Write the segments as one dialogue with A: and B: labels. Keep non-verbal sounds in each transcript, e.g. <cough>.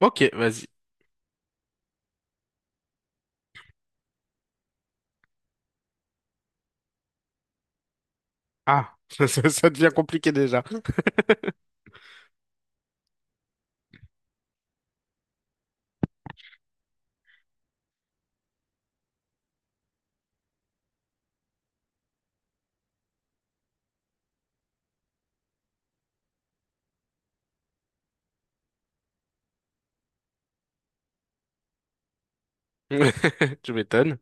A: Ok, vas-y. Ah, <laughs> ça, ça devient compliqué déjà. <laughs> Tu m'étonnes.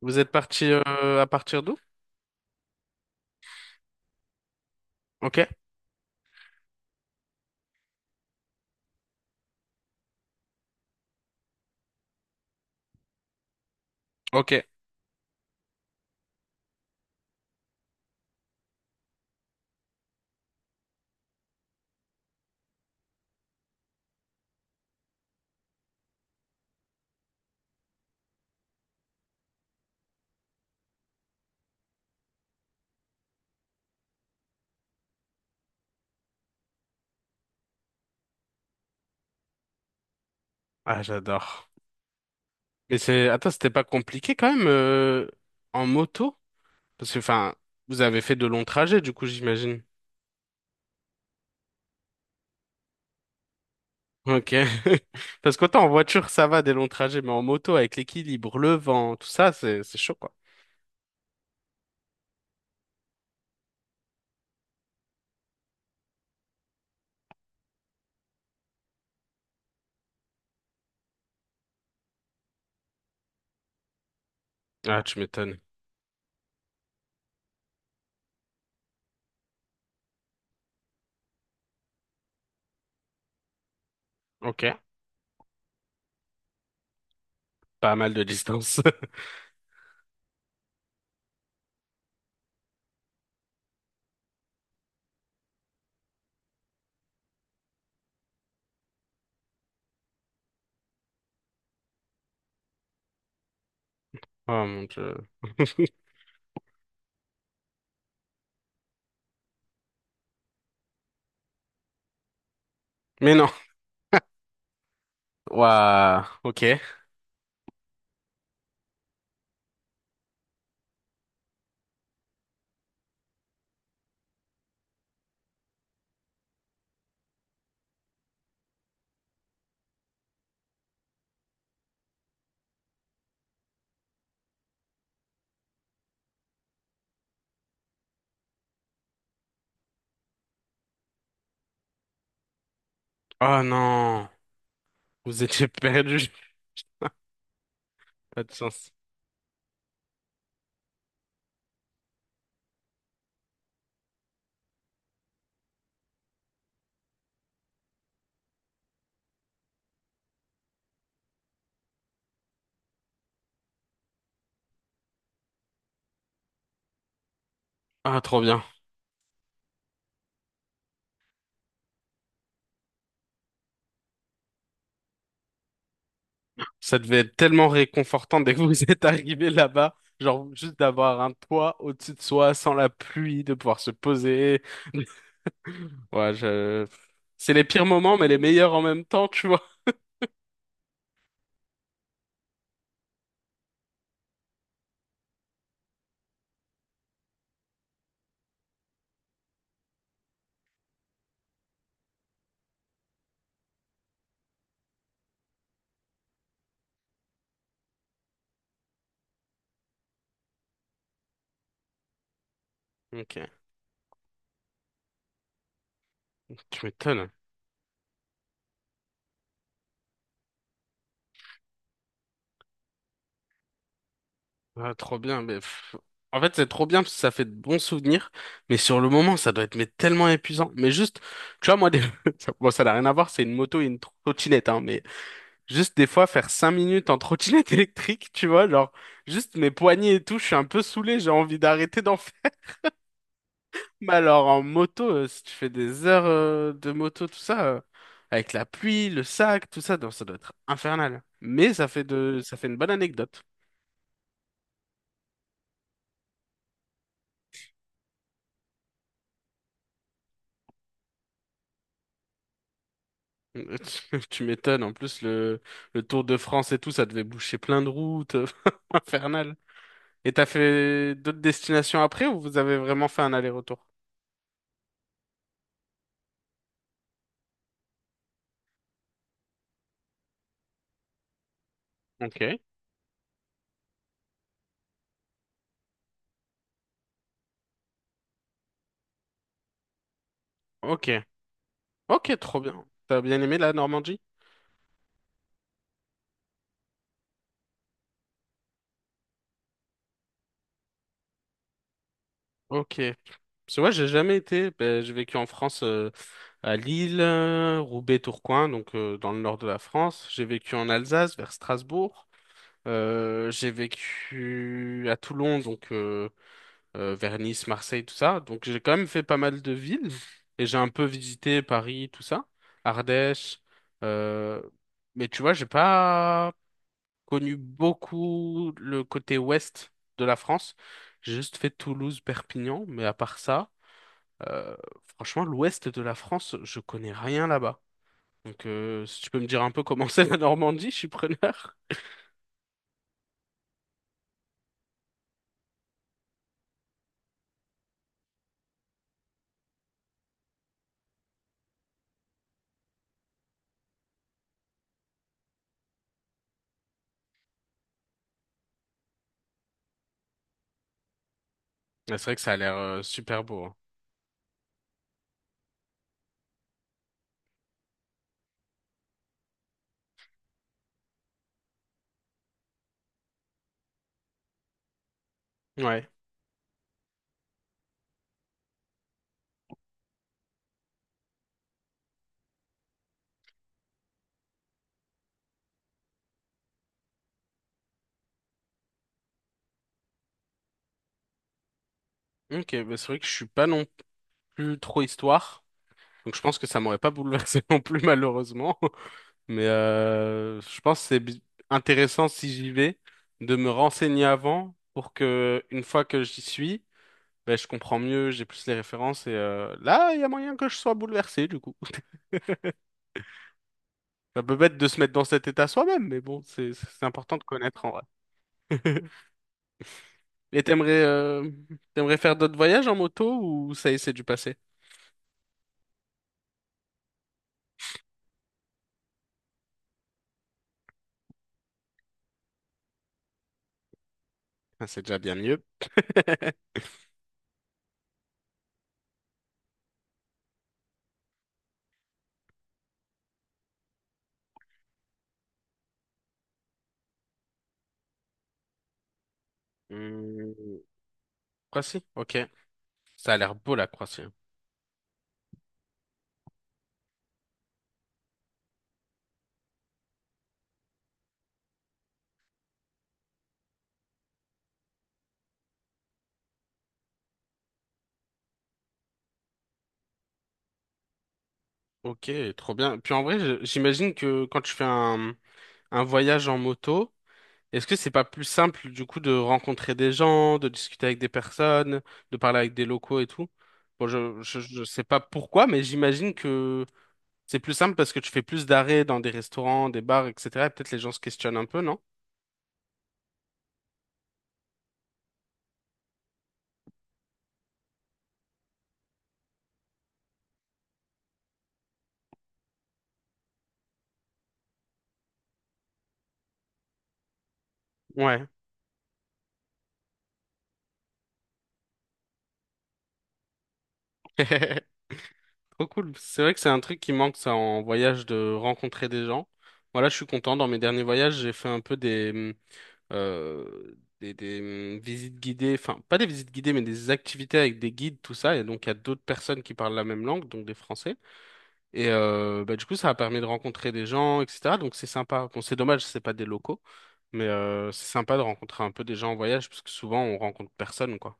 A: Vous êtes parti à partir d'où? Ok, ok. Ah, j'adore. Mais c'est, attends, c'était pas compliqué quand même en moto? Parce que, enfin, vous avez fait de longs trajets, du coup, j'imagine. Ok. <laughs> Parce qu'autant en voiture, ça va, des longs trajets, mais en moto, avec l'équilibre, le vent, tout ça, c'est chaud, quoi. Ah, tu m'étonnes. Ok. Pas mal de distance. <laughs> Oh mon Dieu. Mais non. Waouh. Ok. Oh non. Vous étiez perdu. <laughs> Pas de chance. Ah, trop bien. Ça devait être tellement réconfortant dès que vous êtes arrivé là-bas. Genre, juste d'avoir un toit au-dessus de soi, sans la pluie, de pouvoir se poser. <laughs> Ouais, je... C'est les pires moments, mais les meilleurs en même temps, tu vois. Ok. Tu m'étonnes. Ah, trop bien. Mais... pff, en fait, c'est trop bien parce que ça fait de bons souvenirs. Mais sur le moment, ça doit être mais, tellement épuisant. Mais juste, tu vois, moi, des... <laughs> bon, ça n'a rien à voir. C'est une moto et une trottinette, hein, mais... Juste des fois faire 5 minutes en trottinette <laughs> électrique, tu vois, genre juste mes poignets et tout, je suis un peu saoulé, j'ai envie d'arrêter d'en faire. <laughs> Mais alors en moto, si tu fais des heures de moto, tout ça, avec la pluie, le sac, tout ça, donc ça doit être infernal. Ça fait une bonne anecdote. <laughs> Tu m'étonnes, en plus le Tour de France et tout, ça devait boucher plein de routes, <laughs> infernal. Et t'as fait d'autres destinations après ou vous avez vraiment fait un aller-retour? Ok. Ok. Ok, trop bien. T'as bien aimé la Normandie? Ok. Parce que moi, j'ai jamais été. Ben, j'ai vécu en France, à Lille, Roubaix, Tourcoing, donc dans le nord de la France. J'ai vécu en Alsace, vers Strasbourg. J'ai vécu à Toulon, donc vers Nice, Marseille, tout ça. Donc j'ai quand même fait pas mal de villes. Et j'ai un peu visité Paris, tout ça. Ardèche. Euh, Mais tu vois, j'ai pas connu beaucoup le côté ouest de la France. J'ai juste fait Toulouse, Perpignan, mais à part ça, euh, franchement, l'ouest de la France, je connais rien là-bas. Donc, si tu peux me dire un peu comment <laughs> c'est la Normandie, je suis preneur. Mais c'est vrai que ça a l'air super beau, hein. Ouais. Ok, bah c'est vrai que je suis pas non plus trop histoire. Donc, je pense que ça m'aurait pas bouleversé <laughs> non plus, malheureusement. Mais je pense que c'est intéressant si j'y vais de me renseigner avant pour que, une fois que j'y suis, ben, je comprends mieux, j'ai plus les références et là, il y a moyen que je sois bouleversé du coup. <laughs> Ça peut bête de se mettre dans cet état soi-même, mais bon, c'est important de connaître en vrai. <laughs> Et t'aimerais t'aimerais faire d'autres voyages en moto ou ça y est, c'est du passé? Ah, c'est déjà bien mieux. <laughs> Hmm, quoi si? Ok. Ça a l'air beau la Croatie, hein. Ok, trop bien. Puis en vrai, j'imagine que quand tu fais un voyage en moto, est-ce que c'est pas plus simple du coup de rencontrer des gens, de discuter avec des personnes, de parler avec des locaux et tout? Bon, je sais pas pourquoi, mais j'imagine que c'est plus simple parce que tu fais plus d'arrêts dans des restaurants, des bars, etc. Et peut-être les gens se questionnent un peu, non? Ouais. <laughs> Trop cool. C'est vrai que c'est un truc qui manque, ça, en voyage, de rencontrer des gens. Voilà, je suis content. Dans mes derniers voyages, j'ai fait un peu des, visites guidées. Enfin, pas des visites guidées, mais des activités avec des guides, tout ça. Et donc, il y a d'autres personnes qui parlent la même langue, donc des Français. Et bah, du coup, ça a permis de rencontrer des gens, etc. Donc c'est sympa. Bon, c'est dommage, c'est pas des locaux, mais c'est sympa de rencontrer un peu des gens en voyage, parce que souvent on rencontre personne, quoi.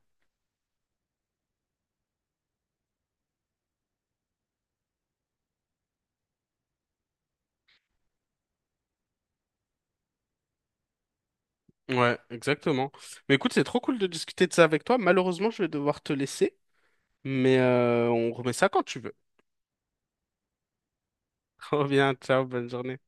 A: Ouais, exactement. Mais écoute, c'est trop cool de discuter de ça avec toi. Malheureusement, je vais devoir te laisser, mais on remet ça quand tu veux. <laughs> Reviens, ciao, bonne journée.